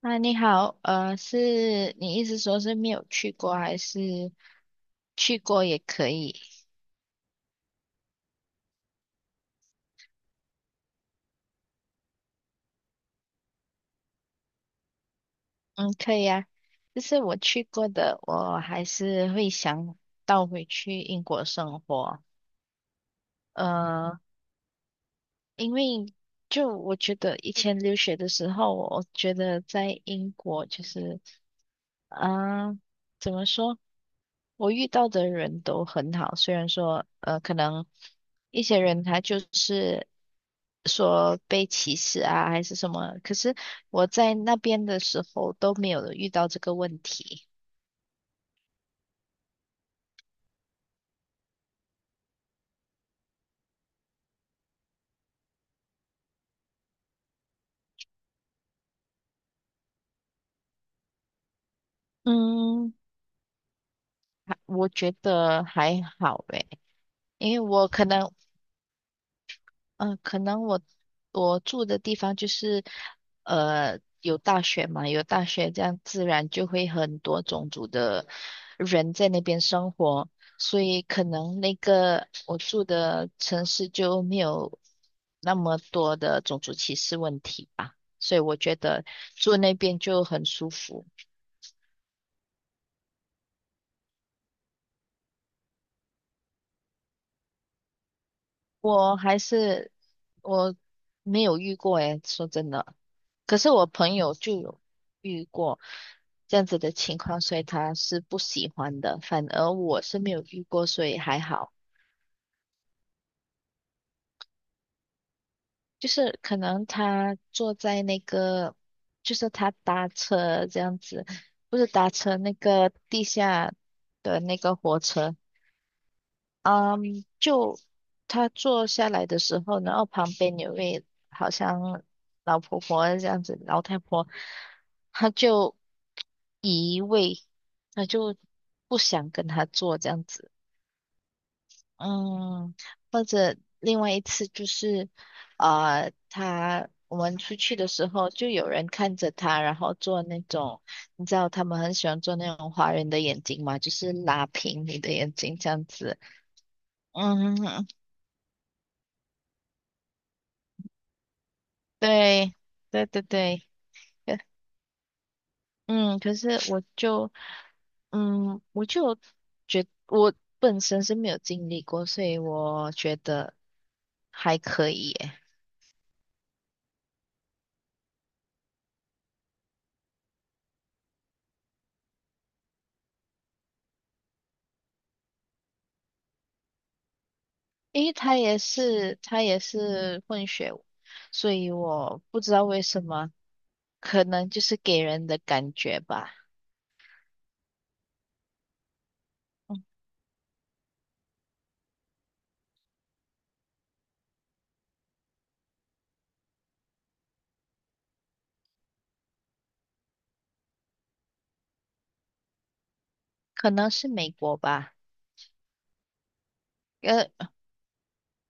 啊，你好，是你意思说是没有去过，还是去过也可以？嗯，可以啊。就是我去过的，我还是会想倒回去英国生活。呃，因为就我觉得以前留学的时候，我觉得在英国就是。啊，怎么说？我遇到的人都很好，虽然说可能一些人他就是说被歧视啊，还是什么，可是我在那边的时候都没有遇到这个问题。嗯，还我觉得还好诶，因为我可能嗯，可能我住的地方就是，有大学嘛，有大学，这样自然就会很多种族的人在那边生活，所以可能那个我住的城市就没有那么多的种族歧视问题吧，所以我觉得住那边就很舒服。我还是我没有遇过诶，说真的，可是我朋友就有遇过这样子的情况，所以他是不喜欢的。反而我是没有遇过，所以还好。就是可能他坐在那个，就是他搭车这样子，不是搭车那个地下的那个火车，嗯，就他坐下来的时候，然后旁边有位好像老婆婆这样子，老太婆，她就移位，她就不想跟他坐这样子。嗯，或者另外一次就是，我们出去的时候，就有人看着他，然后做那种，你知道他们很喜欢做那种华人的眼睛嘛，就是拉平你的眼睛这样子。嗯对，对对对，呃嗯，可是我就，嗯，我就觉我本身是没有经历过，所以我觉得还可以耶，因为他也是混血，所以我不知道为什么，可能就是给人的感觉吧，可能是美国吧，呃，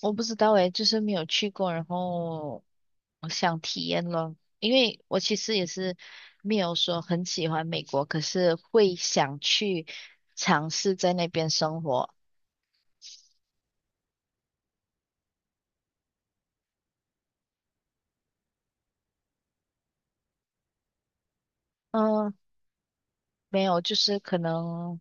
我不知道诶，就是没有去过，然后我想体验咯，因为我其实也是没有说很喜欢美国，可是会想去尝试在那边生活。嗯，没有，就是可能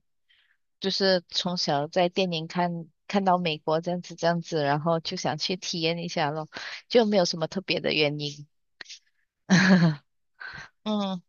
就是从小在电影看到美国这样子，然后就想去体验一下咯，就没有什么特别的原因。嗯，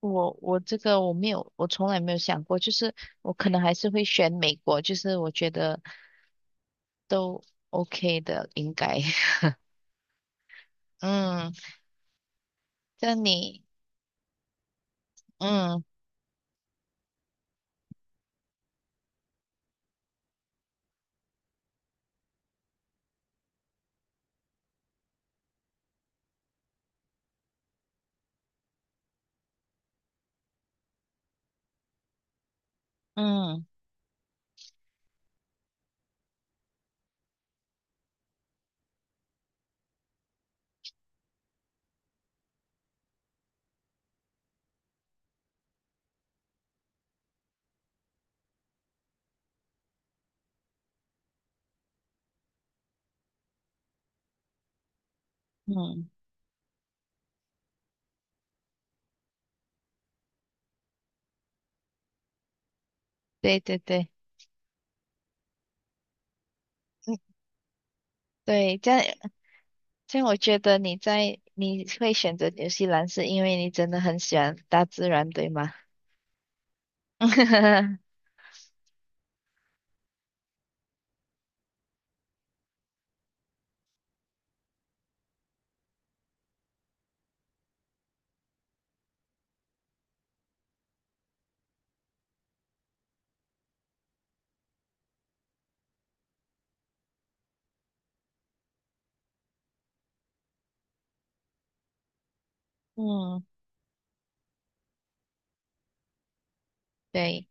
我这个我没有，我从来没有想过，就是我可能还是会选美国，就是我觉得都 OK 的，应该。嗯。像你，嗯嗯嗯，对对对对，这样，我觉得你会选择纽西兰，是因为你真的很喜欢大自然，对吗？嗯，对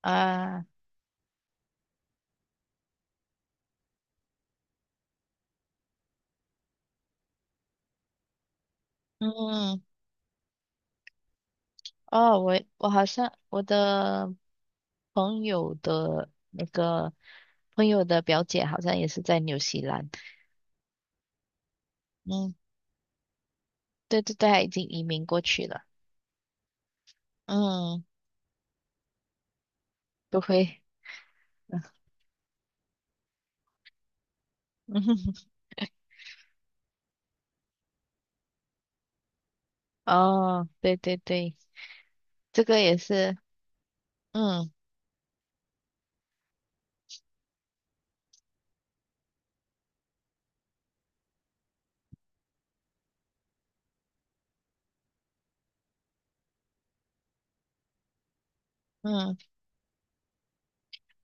啊，嗯，哦，我好像我的朋友的那个朋友的表姐好像也是在纽西兰，嗯，对对对，她已经移民过去了，嗯，不会，嗯，哦，对对对，这个也是。嗯嗯，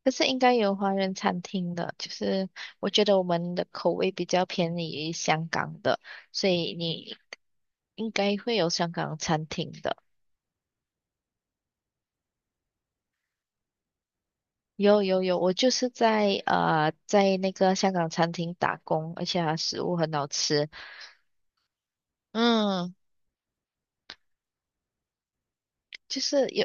可是应该有华人餐厅的，就是我觉得我们的口味比较偏离于香港的，所以你应该会有香港餐厅的。有有有，我就是在在那个香港餐厅打工，而且它食物很好吃。嗯，就是有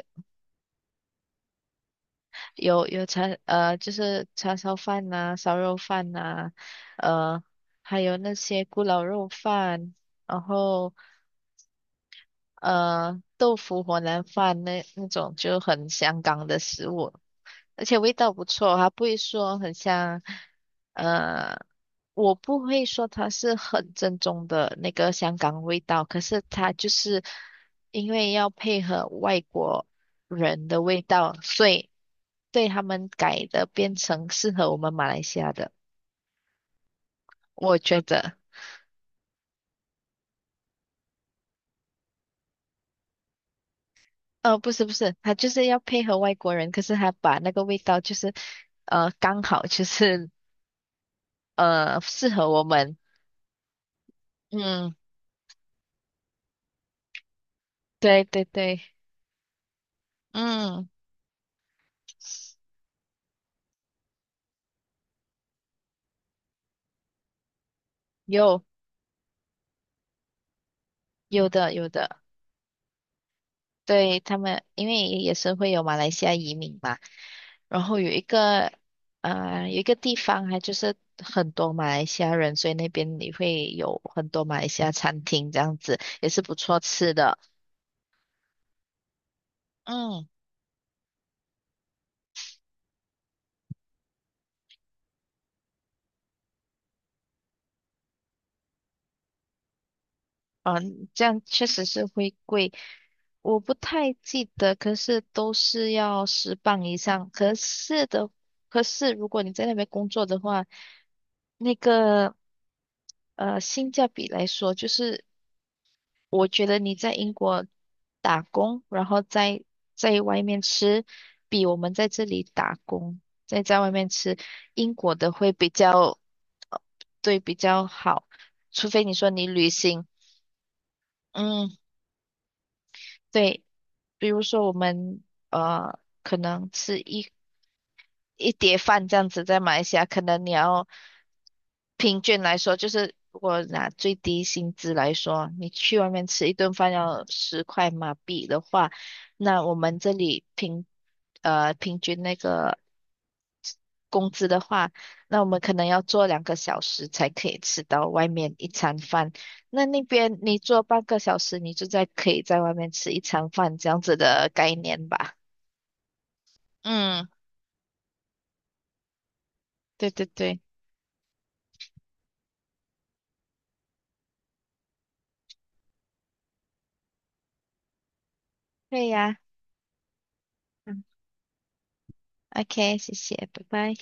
有有就是叉烧饭呐、烧肉饭呐、呃还有那些咕咾肉饭，然后。呃，豆腐火腩饭那种就很香港的食物，而且味道不错，它不会说很像，呃，我不会说它是很正宗的那个香港味道，可是它就是因为要配合外国人的味道，所以对他们改的变成适合我们马来西亚的，我觉得。呃，不是不是，他就是要配合外国人，可是他把那个味道就是，呃，刚好就是适合我们。嗯，对对对，嗯，有有的，对他们，因为也是会有马来西亚移民嘛，然后有一个地方还就是很多马来西亚人，所以那边你会有很多马来西亚餐厅这样子，也是不错吃的。嗯，嗯，这样确实是会贵。我不太记得，可是都是要10磅以上。可是的，可是如果你在那边工作的话，那个性价比来说，就是我觉得你在英国打工，然后在外面吃，比我们在这里打工再在外面吃，英国的会比较，呃对，比较好，除非你说你旅行。嗯，对，比如说我们呃，可能一碟饭这样子，在马来西亚可能你要平均来说，就是如果拿最低薪资来说，你去外面吃一顿饭要10块马币的话，那我们这里平均那个工资的话，那我们可能要做2个小时才可以吃到外面一餐饭。那那边你做半个小时，你就可以在外面吃一餐饭这样子的概念吧？嗯，对对对，对呀。OK，谢谢，拜拜。